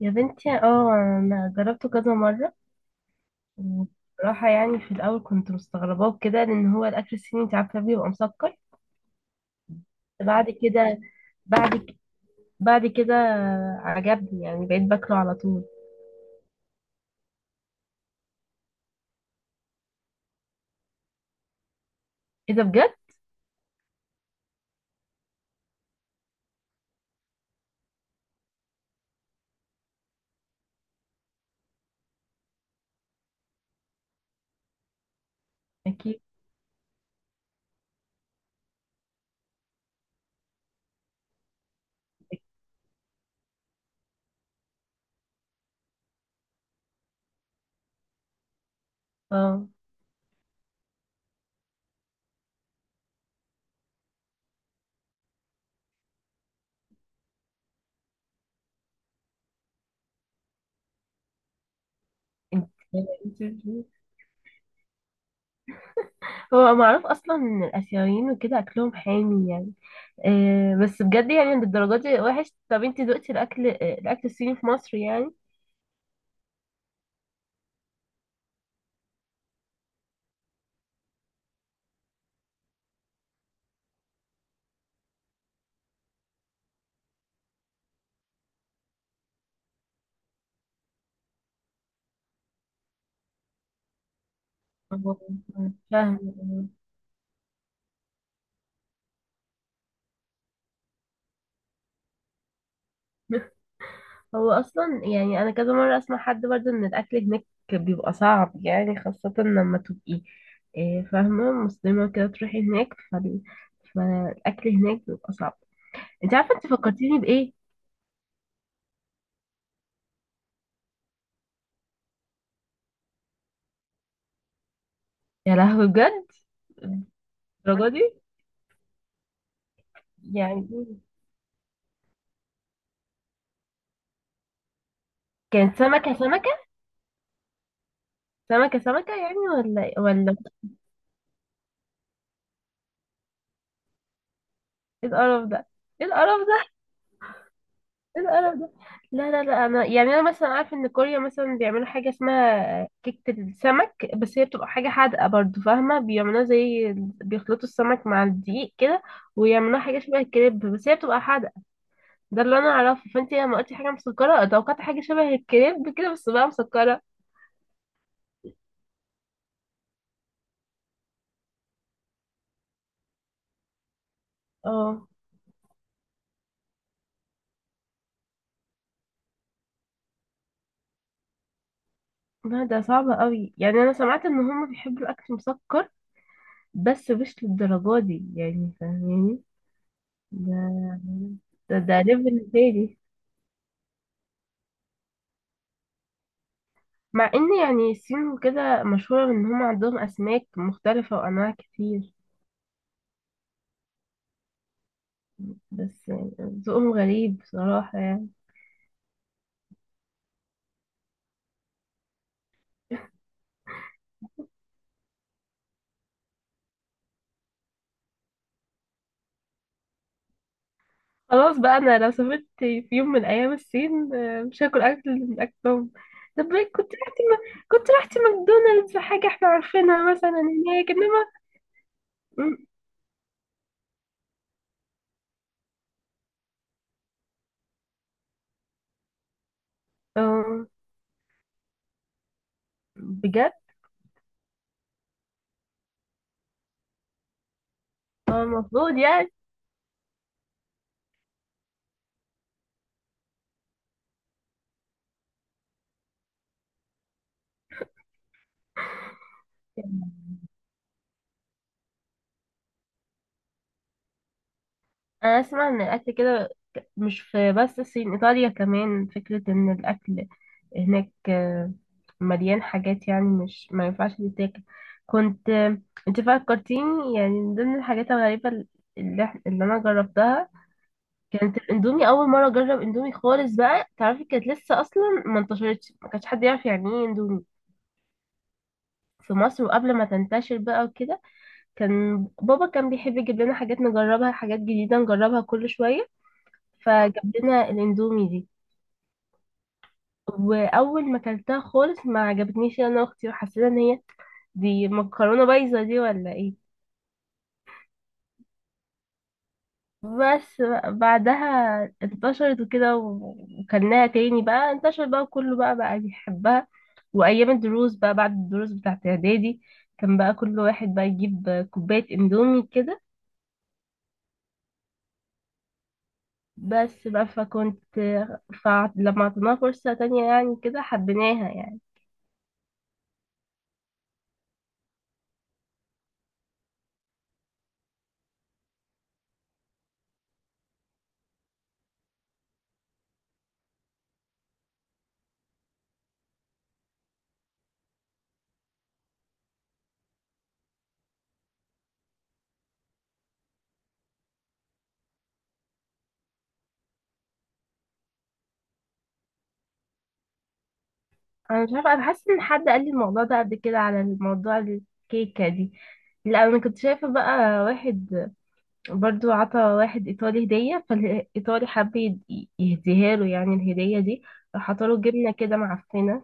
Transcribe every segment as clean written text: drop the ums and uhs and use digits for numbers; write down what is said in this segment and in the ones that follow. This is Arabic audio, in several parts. يا بنتي، اه، انا جربته كذا مره. وبصراحه يعني في الاول كنت مستغرباه كده لان هو الاكل الصيني انت عارفه بيبقى مسكر. بعد كده بعد ك- بعد كده عجبني يعني بقيت باكله على طول. ايه ده بجد؟ اكيد. اه. انت، هو معروف اصلا ان الاسيويين وكده اكلهم حامي يعني. آه، بس بجد يعني للدرجه دي وحش؟ طب انت دقتي الاكل الصيني في مصر يعني؟ آه، فاهمة. هو اصلا يعني انا كذا مره اسمع حد برضه ان الاكل هناك بيبقى صعب يعني، خاصه لما تبقي، فاهمه، مسلمه كده تروحي هناك فالاكل هناك بيبقى صعب. انت عارفه انت فكرتيني بايه؟ يا لهوي، بجد! الدرجه دي يعني! كانت سمكه سمكه سمكه سمكه يعني ولا إيه؟ ولا؟ ايه القرف ده! ايه القرف ده! ايه القرف ده! لا، لا، لا، انا يعني انا مثلا عارفه ان كوريا مثلا بيعملوا حاجه اسمها كيكه السمك، بس هي بتبقى حاجه حادقه برضو، فاهمه؟ بيعملوها زي، بيخلطوا السمك مع الدقيق كده ويعملوها حاجه شبه الكريب، بس هي بتبقى حادقه. ده اللي انا اعرفه، فانت لما قلتي حاجه مسكره توقعت حاجه شبه الكريب كده بس بقى مسكره. اه. لا، ده صعب قوي، يعني انا سمعت ان هم بيحبوا الاكل مسكر بس مش للدرجه دي يعني، فاهماني؟ ده ده ليفل تاني. مع ان يعني الصين وكده مشهورة ان هم عندهم اسماك مختلفة وانواع كتير، بس يعني ذوقهم غريب بصراحة يعني. خلاص بقى، انا لو سافرت في يوم من الايام الصين، مش هاكل اكل من اكلهم. طب كنت رحت م... كنت رحت ماكدونالدز، حاجة احنا عارفينها مثلا هناك؟ انما م- آه، بجد. المفروض يعني انا اسمع ان الاكل كده، مش في بس الصين، ايطاليا كمان، فكرة ان الاكل هناك مليان حاجات يعني مش، ما ينفعش تتاكل. كنت آه، انت فكرتيني يعني من ضمن الحاجات الغريبة اللي انا جربتها كانت الاندومي. اول مرة اجرب اندومي خالص بقى، تعرفي، كانت لسه اصلا ما انتشرتش، ما كانش حد يعرف يعني ايه اندومي في مصر. وقبل ما تنتشر بقى وكده، كان بابا كان بيحب يجيب لنا حاجات نجربها، حاجات جديدة نجربها كل شوية. فجاب لنا الاندومي دي، واول ما اكلتها خالص ما عجبتنيش انا واختي، وحسينا ان هي دي مكرونه بايظه دي ولا ايه. بس بقى بعدها انتشرت وكده وكلناها تاني، بقى انتشر بقى كله بقى بيحبها. وايام الدروس بقى، بعد الدروس بتاعت اعدادي، كان بقى كل واحد بقى يجيب كوبايه اندومي كده. بس بقى، فلما عطيناها فرصه تانية يعني كده حبيناها يعني. انا مش عارفه، انا حاسه ان حد قال لي الموضوع ده قبل كده، على الموضوع الكيكه دي. لا، انا كنت شايفه بقى واحد برضو عطى واحد ايطالي هديه، فالايطالي حب يهديها له، يعني الهديه دي راح عطاله جبنه كده معفنه.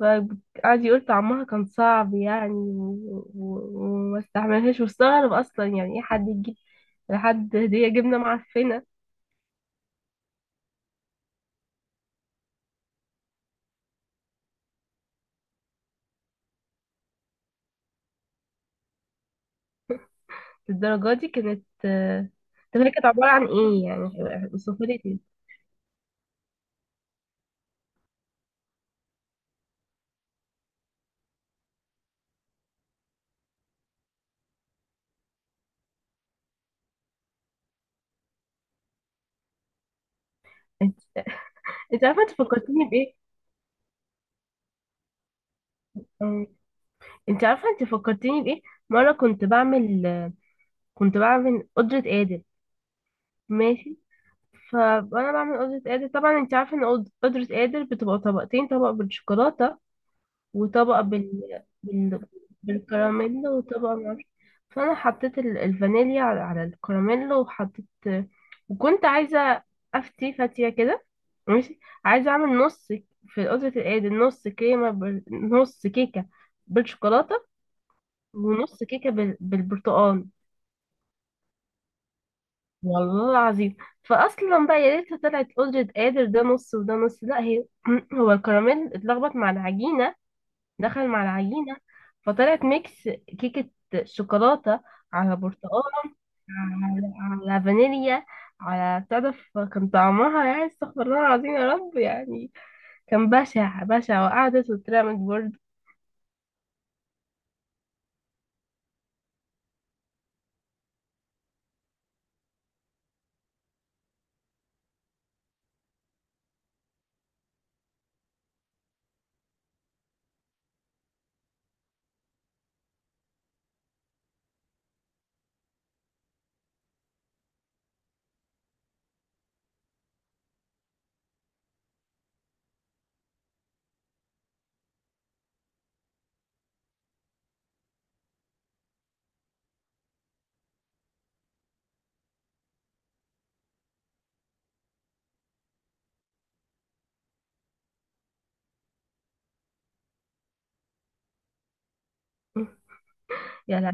فقعد يقول طعمها كان صعب يعني وما استحملهاش، واستغرب اصلا يعني ايه حد يجيب لحد هديه جبنه معفنه. للدرجه دي كانت؟ آه. طب هي كانت عباره عن ايه يعني؟ وصفها لي. انت عارفه انت فكرتيني بايه؟ أم، انت عارفه انت فكرتيني بايه. مره كنت بعمل قدره قادر، ماشي؟ فانا بعمل قدره قادر، طبعا انت عارفه ان قدره قادر بتبقى طبقتين، طبق بالشوكولاته وطبقه بالكراميل، وطبقه معرفش. فانا حطيت الفانيليا على الكراميل وحطيت، وكنت عايزه افتي فاتيه كده ماشي، عايزه اعمل نص في قدره القادر، نص كريمه نص كيكه بالشوكولاته ونص كيكة بالبرتقال. والله العظيم، فأصلا بقى يا ريتها طلعت قدرة قادر، ده نص وده نص، لا هي هو الكراميل اتلخبط مع العجينة، دخل مع العجينة، فطلعت ميكس كيكة شوكولاتة على برتقال على, على فانيليا، على، تعرف كان طعمها يعني استغفر الله العظيم يا رب يعني. كان بشع بشع، وقعدت واترمت برضه. يا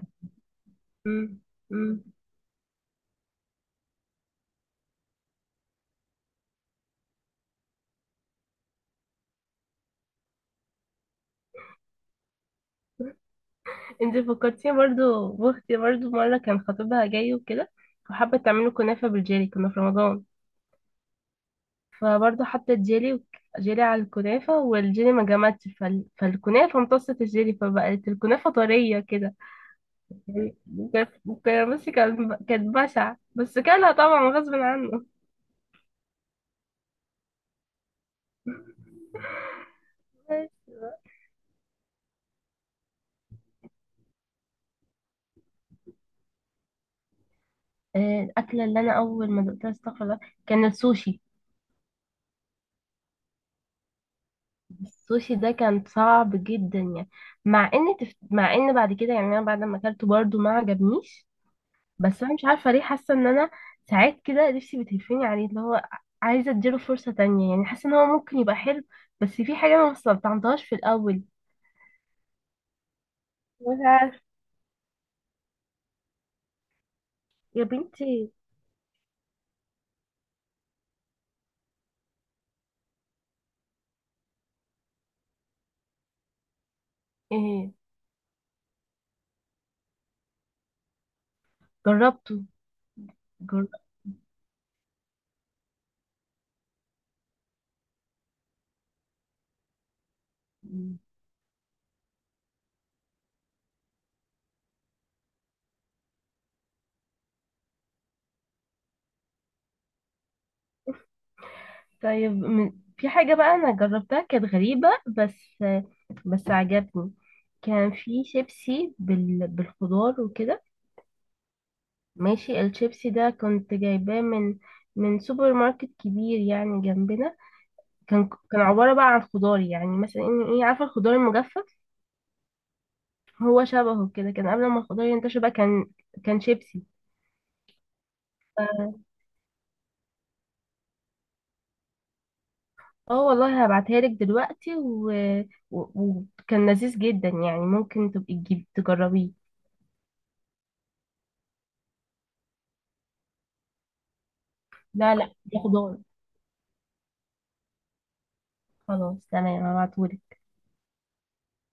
لا! انت فكرتيني برضو بأختي، برضو مرة كان خطيبها جاي وكده وحابة تعمله كنافة بالجيلي، كنا في رمضان. فبرضو حطت جيلي على الكنافة، والجيلي ما جمدش فالكنافة امتصت الجيلي، فبقت الكنافة طرية كده يعني. كان، بصي، كانت بشعة بس كانها طبعا غصب عنه. آه، الأكلة اللي أنا أول ما دقتها استغفر الله كان السوشي. السوشي ده كان صعب جدا يعني، مع ان مع ان بعد كده يعني انا بعد ما اكلته برضو ما عجبنيش. بس انا مش عارفه ليه، حاسه ان انا ساعات كده نفسي بتهفني عليه، اللي هو عايزه اديله فرصه تانية يعني، حاسه ان هو ممكن يبقى حلو. بس في حاجه انا ما استلطعمتهاش في الاول. مش عارف. يا بنتي. ايه؟ جربته. جربت. طيب في حاجه بقى انا جربتها كانت غريبه، بس عجبني. كان في شيبسي بالخضار وكده ماشي. الشيبسي ده كنت جايباه من سوبر ماركت كبير يعني جنبنا. كان، عبارة بقى عن خضار، يعني مثلا ايه، عارفة الخضار المجفف؟ هو شبهه كده، كان قبل ما الخضار ينتشر بقى كان شيبسي. اه. آه، والله هبعتها لك دلوقتي، وكان وكان لذيذ جدا يعني، ممكن تبقي تجيب تجربيه. لا، لا، ده خضار. خلاص تمام، هبعتهولك.